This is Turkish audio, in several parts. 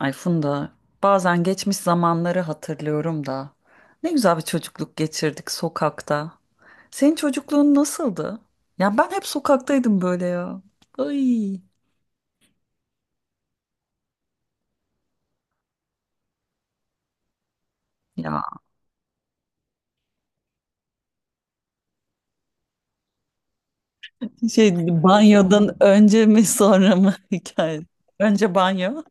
Ay Funda, bazen geçmiş zamanları hatırlıyorum da. Ne güzel bir çocukluk geçirdik sokakta. Senin çocukluğun nasıldı? Ya ben hep sokaktaydım böyle ya. Ay. Ya şey banyodan önce mi sonra mı hikaye? Önce banyo.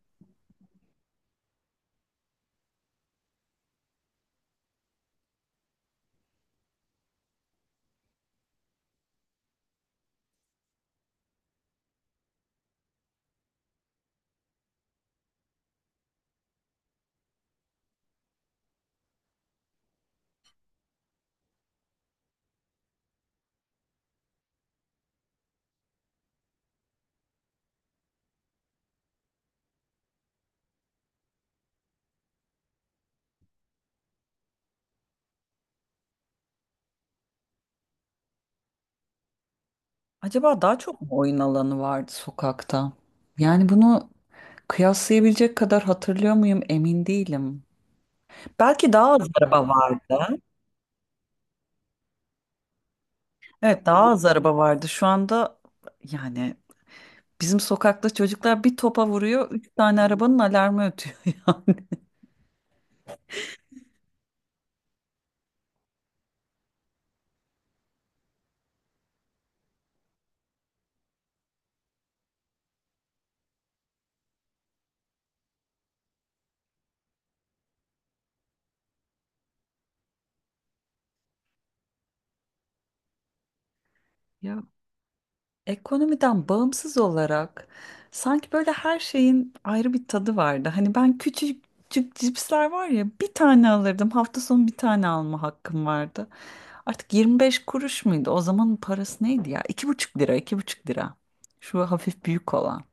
Acaba daha çok mu oyun alanı vardı sokakta? Yani bunu kıyaslayabilecek kadar hatırlıyor muyum emin değilim. Belki daha az araba vardı. Evet, daha az araba vardı. Şu anda yani bizim sokakta çocuklar bir topa vuruyor, üç tane arabanın alarmı ötüyor ya. Ya, ekonomiden bağımsız olarak sanki böyle her şeyin ayrı bir tadı vardı. Hani ben küçük küçük cipsler var ya, bir tane alırdım. Hafta sonu bir tane alma hakkım vardı. Artık 25 kuruş muydu? O zamanın parası neydi ya? İki buçuk lira, iki buçuk lira. Şu hafif büyük olan.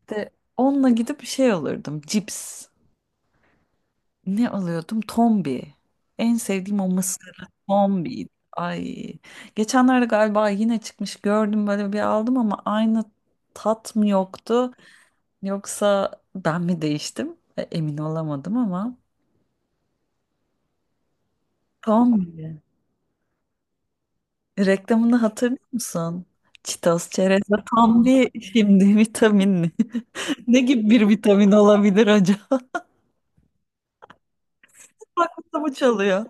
İşte onunla gidip bir şey alırdım. Cips. Ne alıyordum? Tombi. En sevdiğim o mısırlı tombiydi. Ay. Geçenlerde galiba yine çıkmış, gördüm, böyle bir aldım ama aynı tat mı yoktu? Yoksa ben mi değiştim? Emin olamadım ama. Tombi. Reklamını hatırlıyor musun? Çitos, çerez ve tombi şimdi vitaminli. Ne gibi bir vitamin olabilir acaba? Aklımda mı çalıyor.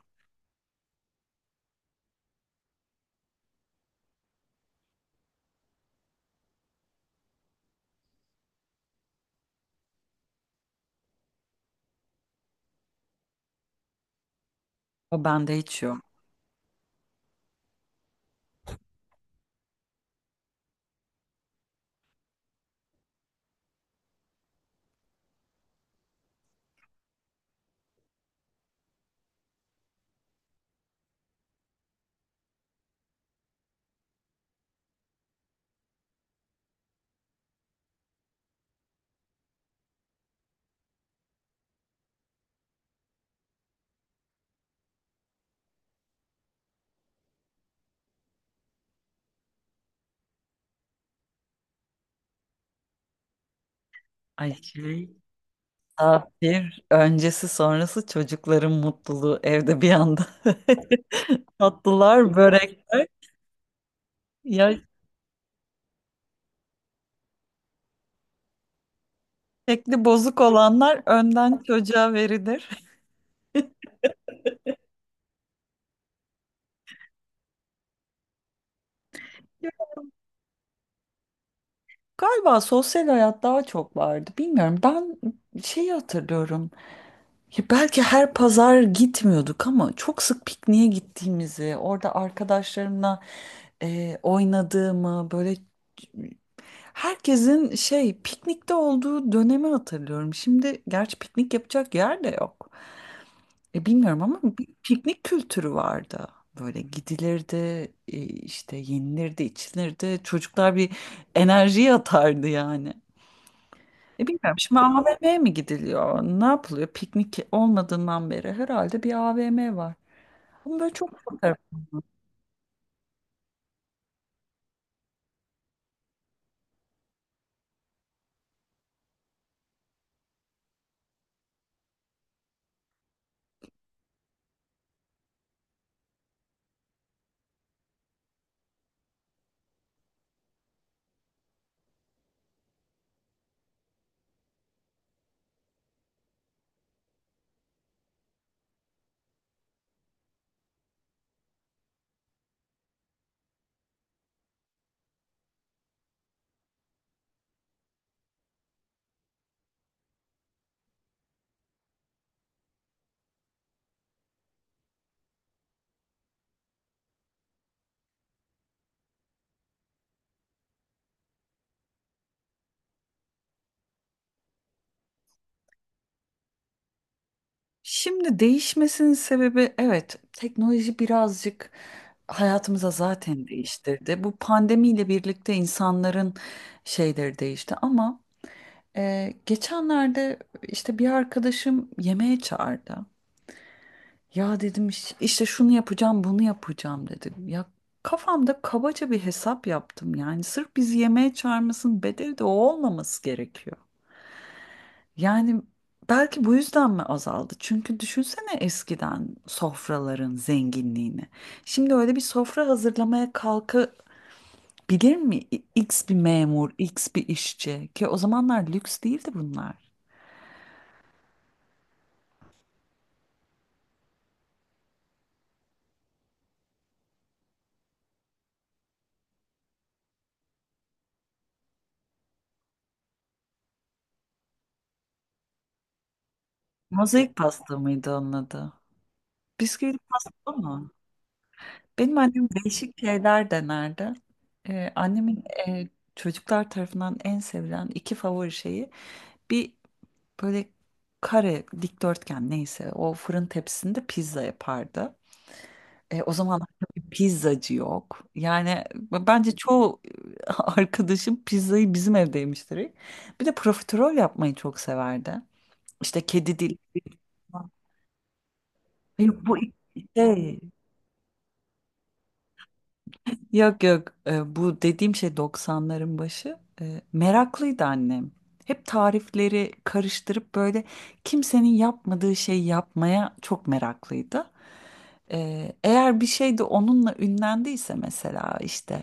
O bende hiç yok. Ay. Misafir öncesi sonrası çocukların mutluluğu evde bir anda. Tatlılar, börekler. Ya, şekli bozuk olanlar önden çocuğa verilir. Galiba sosyal hayat daha çok vardı. Bilmiyorum. Ben hatırlıyorum. Ya belki her pazar gitmiyorduk ama çok sık pikniğe gittiğimizi, orada arkadaşlarımla oynadığımı, böyle herkesin piknikte olduğu dönemi hatırlıyorum. Şimdi gerçi piknik yapacak yer de yok. Bilmiyorum ama bir piknik kültürü vardı. Böyle gidilirdi, işte yenilirdi, içilirdi. Çocuklar bir enerji atardı yani. E bilmiyorum. Şimdi AVM'ye mi gidiliyor? Ne yapılıyor? Piknik olmadığından beri herhalde bir AVM var. Ama böyle çok fotoğraf. Şimdi değişmesinin sebebi, evet, teknoloji birazcık hayatımıza zaten değiştirdi. Bu pandemiyle birlikte insanların değişti ama geçenlerde işte bir arkadaşım yemeğe çağırdı. Ya dedim, işte şunu yapacağım, bunu yapacağım," dedim. Ya, kafamda kabaca bir hesap yaptım yani. Sırf bizi yemeğe çağırmasının bedeli de o olmaması gerekiyor. Yani belki bu yüzden mi azaldı? Çünkü düşünsene eskiden sofraların zenginliğini. Şimdi öyle bir sofra hazırlamaya kalkabilir mi X bir memur, X bir işçi, ki o zamanlar lüks değildi bunlar. Mozaik pasta mıydı onun adı? Bisküvili pasta mı? Benim annem değişik şeyler denerdi. Annemin çocuklar tarafından en sevilen iki favori şeyi, bir böyle kare dikdörtgen neyse o fırın tepsisinde pizza yapardı. E, o zamanlar tabii pizzacı yok. Yani bence çoğu arkadaşım pizzayı bizim evde yemiştir. Bir de profiterol yapmayı çok severdi. İşte kedi dili. Yok, bu iki şey. Yok yok, bu dediğim şey doksanların başı. Meraklıydı annem. Hep tarifleri karıştırıp böyle kimsenin yapmadığı şeyi yapmaya çok meraklıydı. E, eğer bir şey de onunla ünlendiyse, mesela işte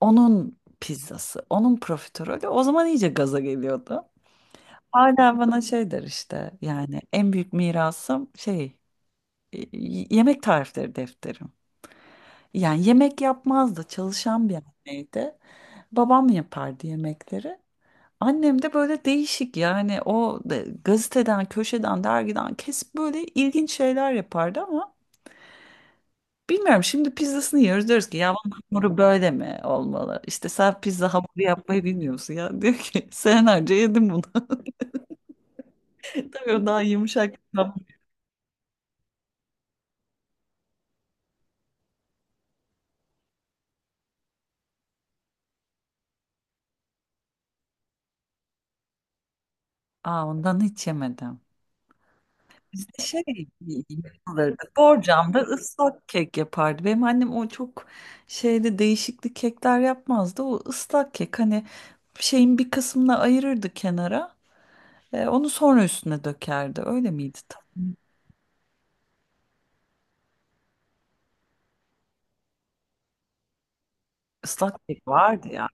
onun pizzası, onun profiterolü, o zaman iyice gaza geliyordu. Hala bana der işte, yani en büyük mirasım yemek tarifleri defteri. Yani yemek yapmazdı. Çalışan bir anneydi. Babam yapardı yemekleri. Annem de böyle değişik, yani gazeteden, köşeden, dergiden kesip böyle ilginç şeyler yapardı ama bilmiyorum, şimdi pizzasını yiyoruz, diyoruz ki ya bunun hamuru böyle mi olmalı? İşte sen pizza hamuru yapmayı bilmiyorsun ya, diyor ki senelerce yedim bunu. Tabii o daha yumuşak bir hamur. Aa, ondan hiç yemedim. Bizde yapılırdı. Borcamda ıslak kek yapardı. Benim annem o çok değişikli kekler yapmazdı. O ıslak kek, hani bir kısmını ayırırdı kenara. Onu sonra üstüne dökerdi. Öyle miydi? Tam ıslak kek vardı ya.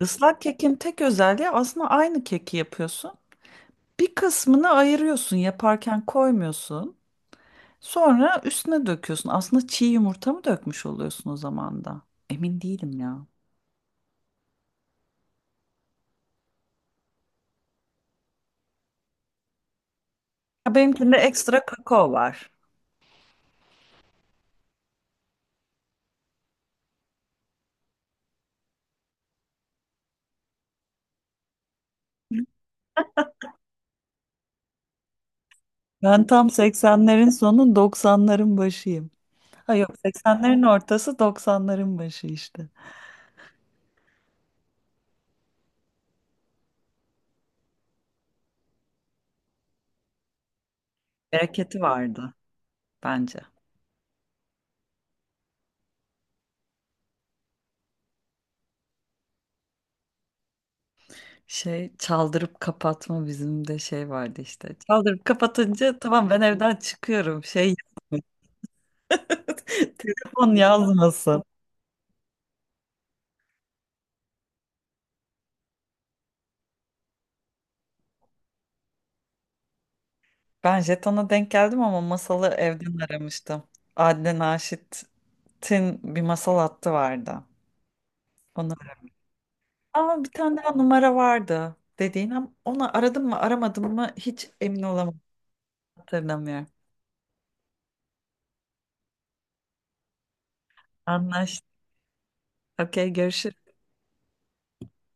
Islak kekin tek özelliği, aslında aynı keki yapıyorsun. Bir kısmını ayırıyorsun, yaparken koymuyorsun. Sonra üstüne döküyorsun. Aslında çiğ yumurta mı dökmüş oluyorsun o zaman da? Emin değilim ya. Ya, benimkinde ekstra kakao var. Ben tam 80'lerin sonu 90'ların başıyım. Ha yok, 80'lerin ortası 90'ların başı işte. Bereketi vardı bence. Şey çaldırıp kapatma, bizim de vardı işte. Çaldırıp kapatınca tamam, ben evden çıkıyorum. Telefon yazmasın. Ben jetona denk geldim ama masalı evden aramıştım. Adnan Naşit'in bir masal hattı vardı. Onu Ama bir tane daha numara vardı dediğin, ama onu aradım mı aramadım mı hiç emin olamadım, hatırlamıyorum. Anlaştık. Okey, görüşürüz.